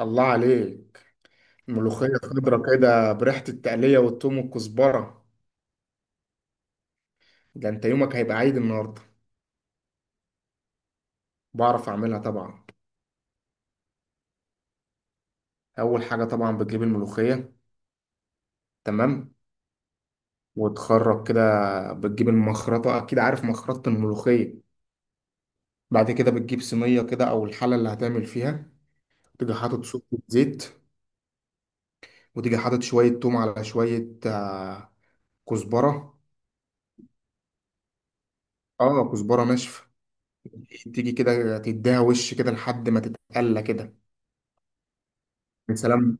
الله عليك. ملوخية خضرة كده بريحة التقلية والثوم والكزبرة. ده انت يومك هيبقى عيد النهاردة. بعرف اعملها طبعا. اول حاجة طبعا بتجيب الملوخية. تمام، وتخرج كده. بتجيب المخرطة، اكيد عارف مخرطة الملوخية. بعد كده بتجيب صينية كده او الحلة اللي هتعمل فيها. تيجي حاطط سكة زيت، وتيجي حاطط شوية توم على شوية كزبرة. اه، كزبرة ناشفة. تيجي كده تديها وش كده لحد ما تتقلى كده. يا سلام!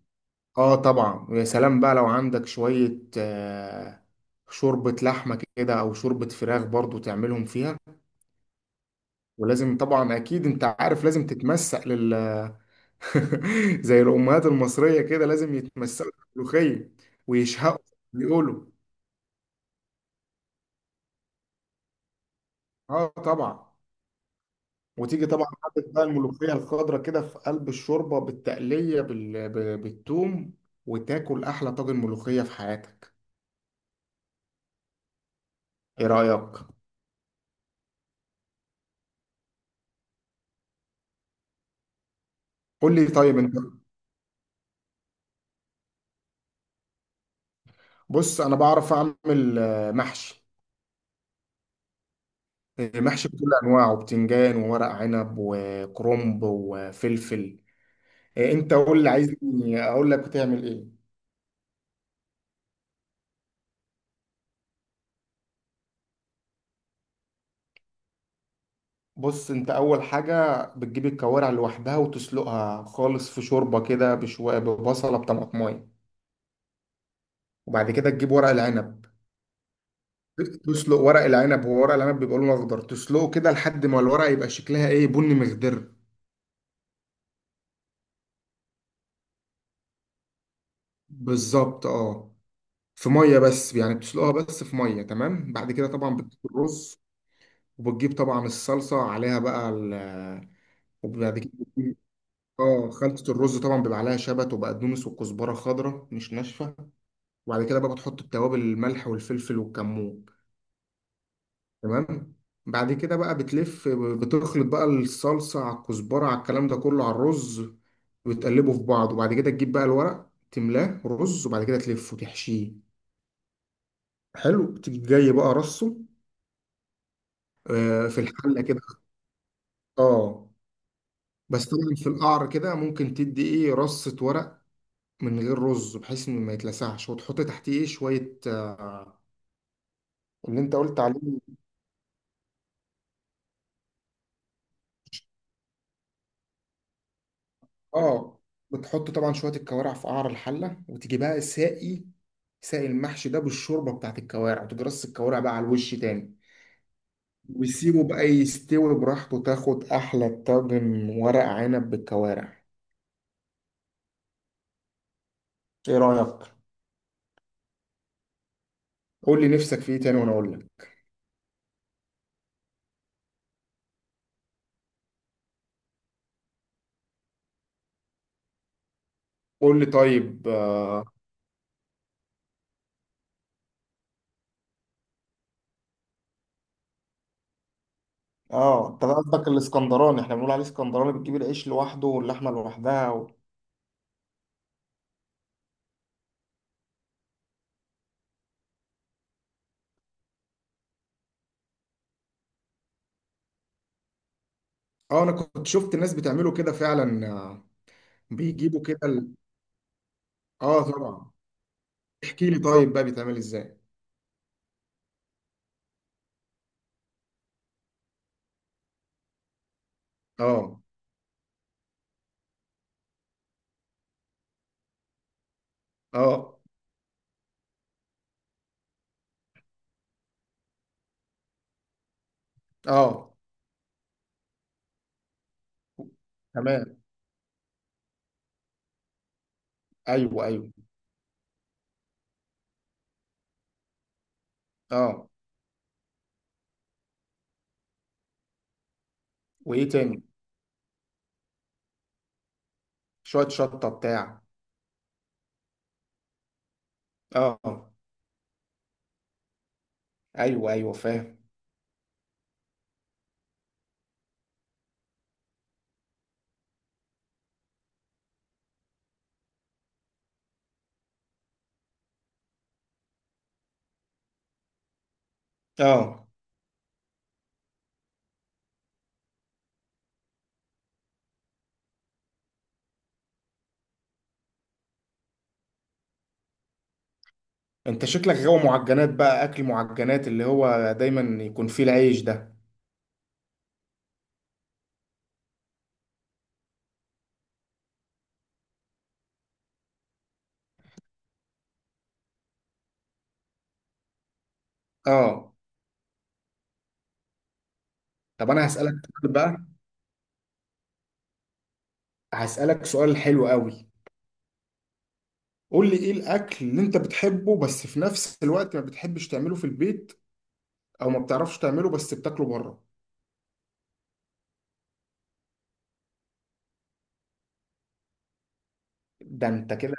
اه طبعا، ويا سلام بقى لو عندك شوية شوربة لحمة كده او شوربة فراخ برضو تعملهم فيها. ولازم طبعا، اكيد انت عارف، لازم تتمسق زي الامهات المصرية كده لازم يتمسقوا في الملوخية ويشهقوا، بيقولوا. اه طبعا. وتيجي طبعا حاطط بقى الملوخية الخضراء كده في قلب الشوربة بالتقلية بالثوم، وتاكل احلى طاجن ملوخية في حياتك. ايه رأيك؟ قول لي طيب انت. بص، انا بعرف اعمل محشي. محشي بكل انواعه، بتنجان وورق عنب وكرنب وفلفل. انت قول لي عايزني اقول لك بتعمل ايه. بص، انت اول حاجه بتجيب الكوارع لوحدها وتسلقها خالص في شوربه كده بشويه، ببصله، بطماطمايه. وبعد كده تجيب ورق العنب، تسلق ورق العنب. هو ورق العنب بيبقى لونه اخضر، تسلقه كده لحد ما الورق يبقى شكلها ايه، بني مخضر. بالظبط، اه. في ميه بس يعني، بتسلقها بس في ميه. تمام، بعد كده طبعا بتجيب الرز، وبتجيب طبعا الصلصه عليها بقى ال وبعد كده بتجيب- اه، خلطة الرز طبعا بيبقى عليها شبت وبقدونس وكزبرة خضراء مش ناشفة. وبعد كده بقى بتحط التوابل، الملح والفلفل والكمون. تمام. بعد كده بقى بتلف، بتخلط بقى الصلصة على الكزبرة على الكلام ده كله على الرز، وتقلبه في بعض. وبعد كده تجيب بقى الورق، تملاه رز، وبعد كده تلفه، تحشيه. حلو. تيجي جاي بقى رصه، في الحله كده. اه. بس طبعا في القعر كده ممكن تدي ايه، رصه ورق من غير رز، بحيث انه ما يتلسعش، وتحط تحتيه ايه شويه اللي انت قلت عليه. اه، بتحط طبعا شويه الكوارع في قعر الحله، وتيجي بقى ساقي، ساقي المحشي ده بالشوربه بتاعت الكوارع، وتجي رص الكوارع بقى على الوش تاني. وسيبه بقى يستوي براحته، تاخد احلى طاجن ورق عنب بالكوارع. ايه رايك؟ قول لي نفسك في ايه تاني وانا اقول لك. قول لي طيب اه، انت قصدك الاسكندراني. احنا بنقول عليه اسكندراني، بتجيب العيش لوحده واللحمه لوحدها. اه، انا كنت شفت الناس بتعمله كده فعلا. بيجيبوا كده اه طبعا. احكي لي طيب بقى بيتعمل ازاي. اه، اه، اه. تمام. ايوه، ايوه. اه. وايه تاني؟ شوية شطة بتاع. اه، ايوه ايوه، فاهم. اه، انت شكلك غاوي معجنات بقى، اكل معجنات اللي هو دايما يكون فيه العيش ده. اه، طب انا هسألك سؤال بقى. هسألك سؤال حلو قوي. قول لي، ايه الاكل اللي انت بتحبه بس في نفس الوقت ما بتحبش تعمله في البيت؟ او ما بتعرفش تعمله بس بتاكله بره. ده انت كده.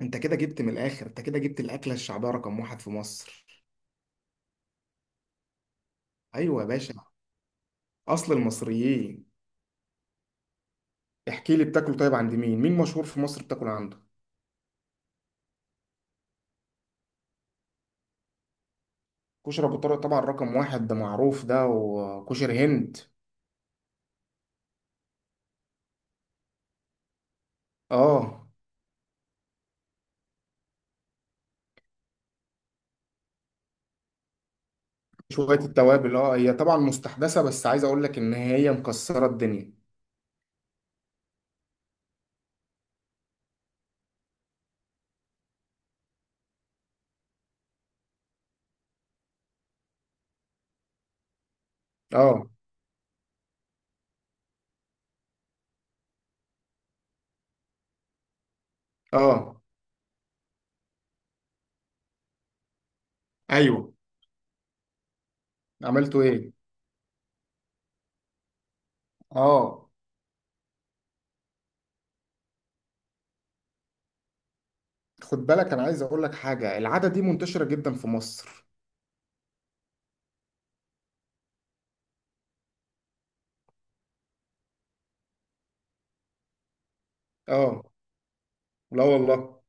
انت كده جبت من الاخر، انت كده جبت الاكله الشعبيه رقم واحد في مصر. ايوه يا باشا، اصل المصريين. احكي لي، بتاكله طيب عند مين؟ مين مشهور في مصر بتاكل عنده؟ كشري ابو طارق طبعا رقم واحد، ده معروف ده، وكشري هند. اه. شويه التوابل، اه هي طبعا مستحدثه بس عايز اقول لك ان هي مكسره الدنيا. اه، اه، ايوه. عملته ايه؟ اه. خد بالك، انا عايز اقول لك حاجه، العاده دي منتشره جدا في مصر. اه. لا والله.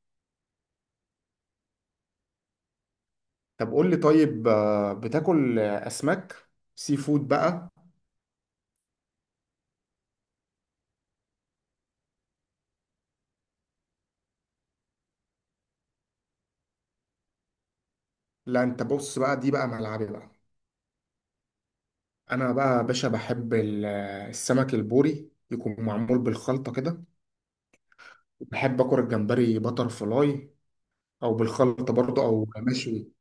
طب قول لي طيب بتاكل اسماك؟ سي فود بقى. لا، انت بص بقى، دي بقى ملعبي بقى. انا بقى يا باشا بحب السمك البوري يكون معمول بالخلطه كده. بحب اكل الجمبري بتر فلاي، او بالخلطه برضه، او مشوي.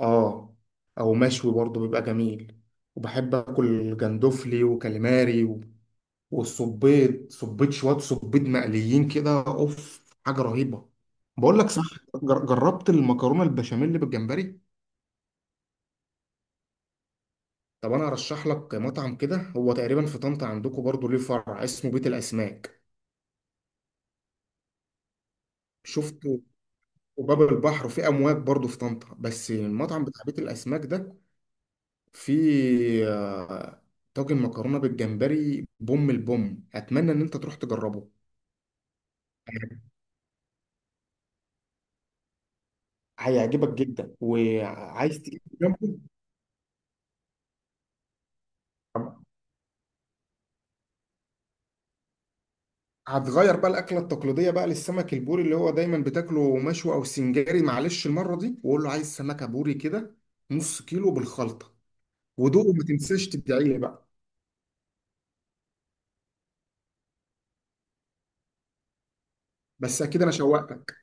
اه، او مشوي برضه بيبقى جميل. وبحب اكل جندوفلي وكاليماري والصبيط، صبيط، شويه صبيط مقليين كده، اوف، حاجه رهيبه. بقول لك صح، جربت المكرونه البشاميل بالجمبري؟ طب انا ارشح لك مطعم كده، هو تقريبا في طنطا عندكم برضو ليه فرع، اسمه بيت الاسماك. شفته في باب البحر وفي امواج برضو في طنطا. بس المطعم بتاع بيت الاسماك ده فيه طاجن مكرونه بالجمبري بوم البوم، اتمنى ان انت تروح تجربه. هيعجبك جدا وعايز تيجي جنبه. هتغير بقى الاكله التقليديه بقى للسمك البوري اللي هو دايما بتاكله مشوي او سنجاري. معلش المره دي وقول له عايز سمكه بوري كده، نص كيلو بالخلطه. ودوق، ما تنساش تدعي لي بقى. بس اكيد انا شوقتك.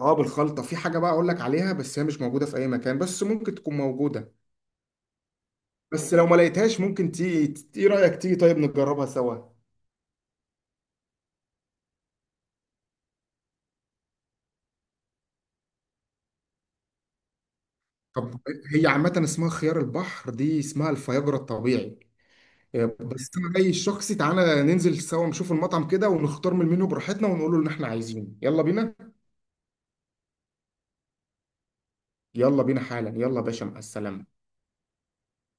اه بالخلطه. في حاجه بقى اقول لك عليها بس هي مش موجوده في اي مكان، بس ممكن تكون موجوده. بس لو ما لقيتهاش ممكن تيجي، ايه رايك تيجي طيب نجربها سوا؟ طب، هي عامه اسمها خيار البحر، دي اسمها الفياجرا الطبيعي. بس انا رايي الشخصي، تعالى ننزل سوا نشوف المطعم كده ونختار من المنيو براحتنا ونقول له اللي احنا عايزينه. يلا بينا. يلا بينا حالا، يلا يا باشا، مع السلامه.